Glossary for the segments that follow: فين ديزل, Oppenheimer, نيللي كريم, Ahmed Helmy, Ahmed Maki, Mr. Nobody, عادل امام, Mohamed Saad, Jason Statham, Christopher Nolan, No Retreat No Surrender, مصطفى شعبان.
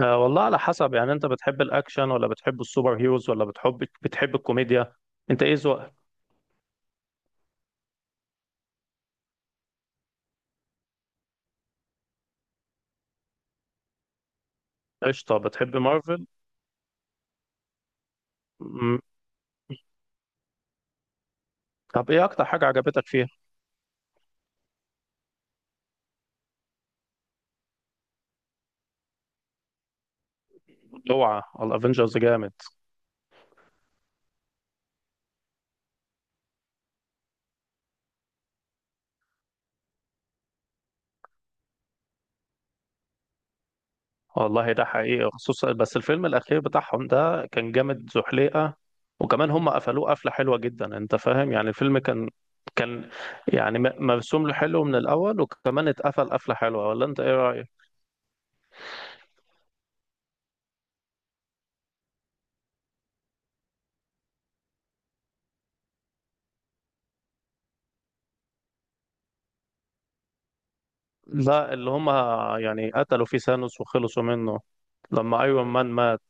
آه، والله على حسب. يعني انت بتحب الاكشن ولا بتحب السوبر هيروز ولا بتحب الكوميديا؟ انت ايه ذوقك؟ قشطه، بتحب مارفل؟ مم. طب ايه اكتر حاجه عجبتك فيها؟ اوعى الافنجرز جامد. والله ده حقيقي، خصوصا بس الفيلم الاخير بتاعهم ده كان جامد زحليقه. وكمان هم قفلوه قفله حلوه جدا، انت فاهم؟ يعني الفيلم كان يعني مرسوم له حلو من الاول، وكمان اتقفل قفله حلوه، ولا انت ايه رايك؟ لا اللي هم يعني قتلوا فيه ثانوس وخلصوا منه لما ايرون مان مات.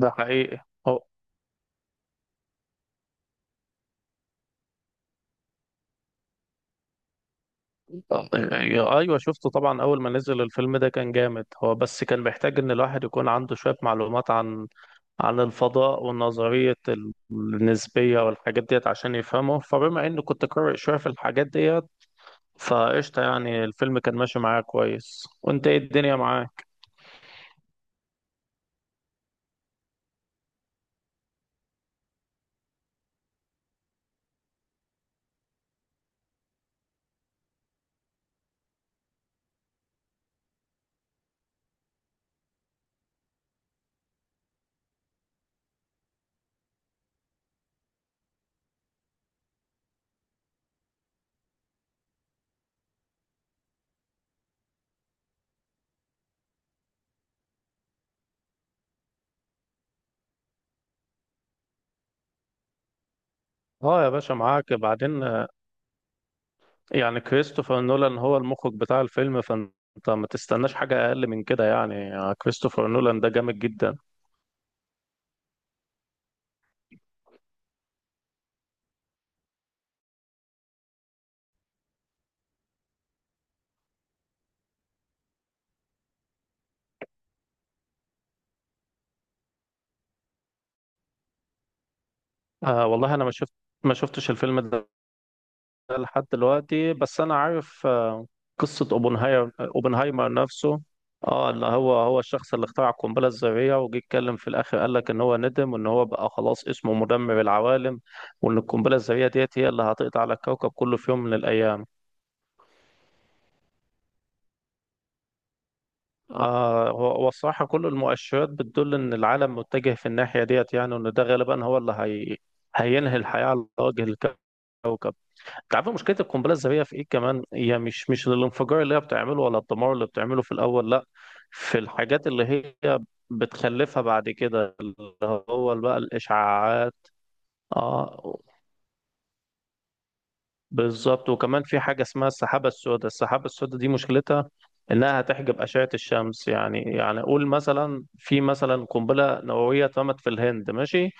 ده حقيقي. هو ايوه شفته طبعا، اول ما نزل الفيلم ده كان جامد. هو بس كان محتاج ان الواحد يكون عنده شويه معلومات عن الفضاء ونظريه النسبيه والحاجات ديت عشان يفهمه، فبما اني كنت قارئ شويه في الحاجات ديت فقشطه. يعني الفيلم كان ماشي معايا كويس. وانت ايه الدنيا معاك؟ اه يا باشا، معاك بعدين. يعني كريستوفر نولان هو المخرج بتاع الفيلم، فانت ما تستناش حاجة أقل من كده. يعني كريستوفر نولان ده جامد جدا. آه والله، أنا ما شفتش الفيلم ده لحد دلوقتي، بس أنا عارف. آه، قصة أوبنهايمر، أوبنهايمر نفسه. اه اللي هو هو الشخص اللي اخترع القنبلة الذرية، وجي يتكلم في الآخر قال لك إن هو ندم وإن هو بقى خلاص اسمه مدمر العوالم، وإن القنبلة الذرية ديت هي اللي هتقضي على الكوكب كله في يوم من الأيام. آه، هو الصراحة كل المؤشرات بتدل إن العالم متجه في الناحية ديت، يعني وإن ده غالبا هو اللي هي هينهي الحياة على وجه الكوكب. أنت عارف مشكلة القنبلة الذرية في إيه كمان؟ هي مش الانفجار اللي هي بتعمله ولا الدمار اللي بتعمله في الأول، لأ. في الحاجات اللي هي بتخلفها بعد كده، اللي هو بقى الإشعاعات. آه، بالظبط. وكمان في حاجة اسمها السحابة السوداء. السحابة السوداء دي مشكلتها إنها هتحجب أشعة الشمس. يعني قول مثلا، في مثلا قنبلة نووية اترمت في الهند ماشي،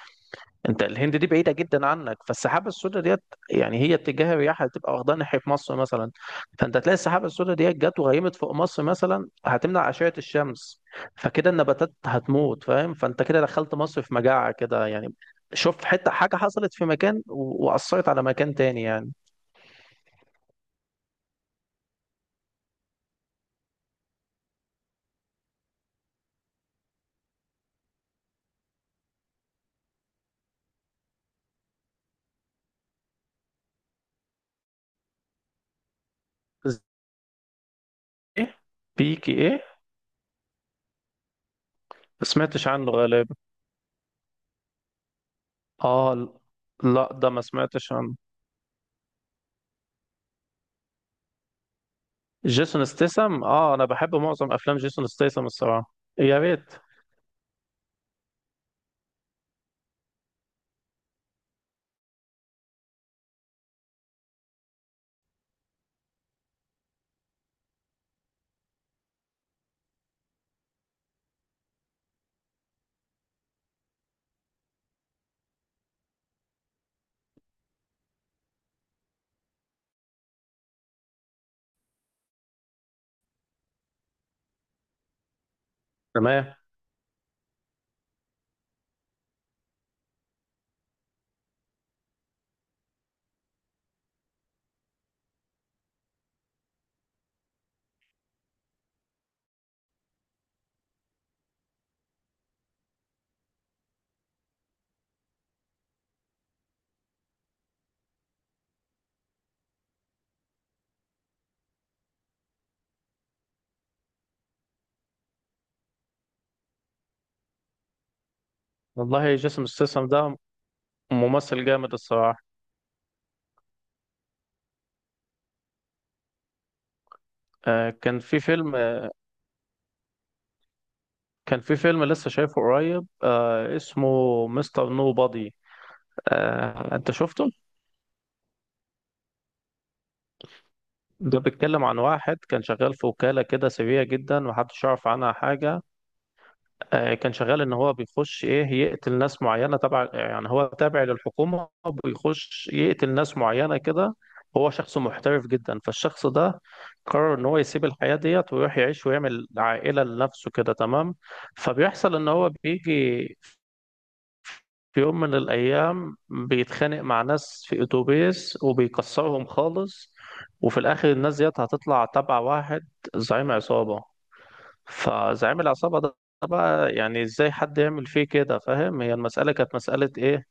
أنت الهند دي بعيدة جدا عنك، فالسحابة السوداء ديت يعني هي اتجاه الرياح هتبقى واخدها ناحية مصر مثلا. فأنت تلاقي السحابة السوداء ديت جت وغيمت فوق مصر مثلا، هتمنع أشعة الشمس. فكده النباتات هتموت، فاهم؟ فأنت كده دخلت مصر في مجاعة كده يعني. شوف حتة حاجة حصلت في مكان وأثرت على مكان تاني يعني. ايه؟ بيكي ايه؟ ما سمعتش عنه غالبا. اه ل- لا ده ما سمعتش عنه. جيسون ستيسم، اه انا بحب معظم افلام جيسون ستيسم الصراحه، يا ريت. تمام. والله جيسون ستيسم ده ممثل جامد الصراحه. آه، كان في فيلم لسه شايفه قريب، آه، اسمه مستر نو بادي. آه، انت شفته؟ ده بيتكلم عن واحد كان شغال في وكاله كده سريه جدا، محدش يعرف عنها حاجه. آه، كان شغال ان هو بيخش ايه يقتل ناس معينه، تبع يعني، هو تابع للحكومه. بيخش يقتل ناس معينه كده. هو شخص محترف جدا. فالشخص ده قرر ان هو يسيب الحياه ديت ويروح يعيش ويعمل عائله لنفسه كده، تمام. فبيحصل ان هو بيجي في يوم من الايام بيتخانق مع ناس في اتوبيس وبيكسرهم خالص. وفي الاخر الناس ديت هتطلع تبع واحد زعيم عصابه. فزعيم العصابة ده بقى يعني ازاي حد يعمل فيه كده، فاهم؟ هي المسألة كانت مسألة ايه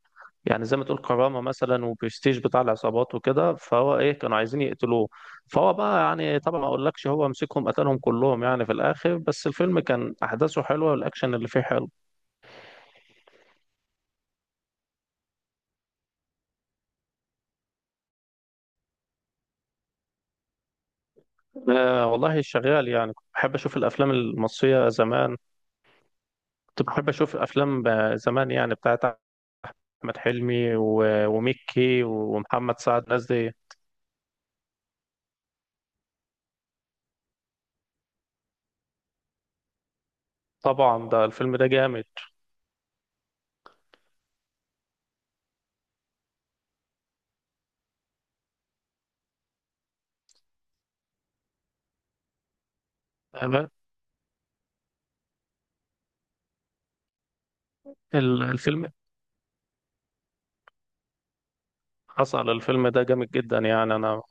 يعني، زي ما تقول كرامة مثلا وبرستيج بتاع العصابات وكده. فهو ايه كانوا عايزين يقتلوه. فهو بقى يعني طبعا ما اقولكش، هو مسكهم قتلهم كلهم يعني في الاخر. بس الفيلم كان احداثه حلوة والاكشن اللي فيه حلو. آه والله شغال يعني. كنت بحب اشوف الافلام المصرية زمان، كنت بحب اشوف افلام آه، زمان يعني بتاعت احمد حلمي وميكي ومحمد سعد، الناس دي. طبعا ده الفيلم ده جامد. تمام. الفيلم، حصل الفيلم ده جامد جدا يعني، انا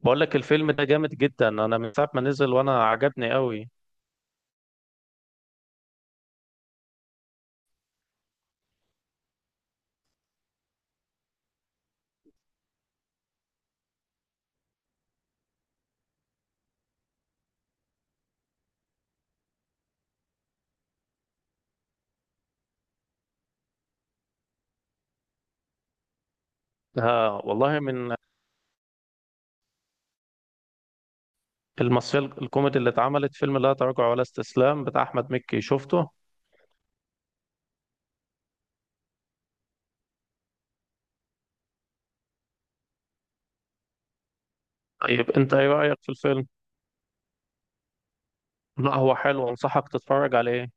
بقول لك الفيلم ده جامد جدا. انا من ساعه ما نزل وانا عجبني قوي. ده والله من المصريه الكوميدي اللي اتعملت. فيلم لا تراجع ولا استسلام بتاع احمد مكي شفته؟ طيب انت ايه رايك في الفيلم؟ لا هو حلو، انصحك تتفرج عليه.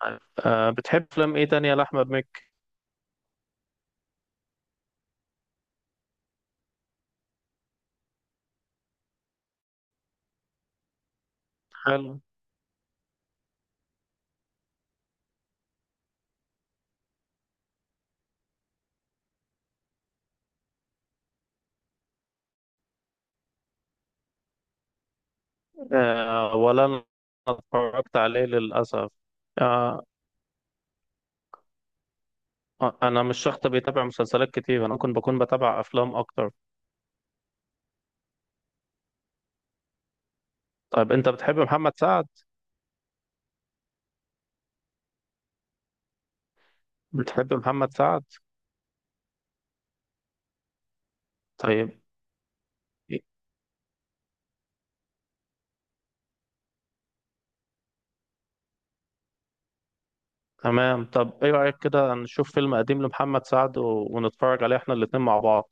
طيب، أه بتحب فيلم ايه تاني لاحمد مكي؟ حلو. أه ولا انا اتفرجت عليه للاسف. أه، انا مش شخص بيتابع مسلسلات كتير، انا ممكن بكون بتابع افلام اكتر. طيب انت بتحب محمد سعد؟ بتحب محمد سعد؟ طيب، إيه، تمام. طب ايه رأيك كده نشوف فيلم قديم لمحمد سعد ونتفرج عليه احنا الاتنين مع بعض؟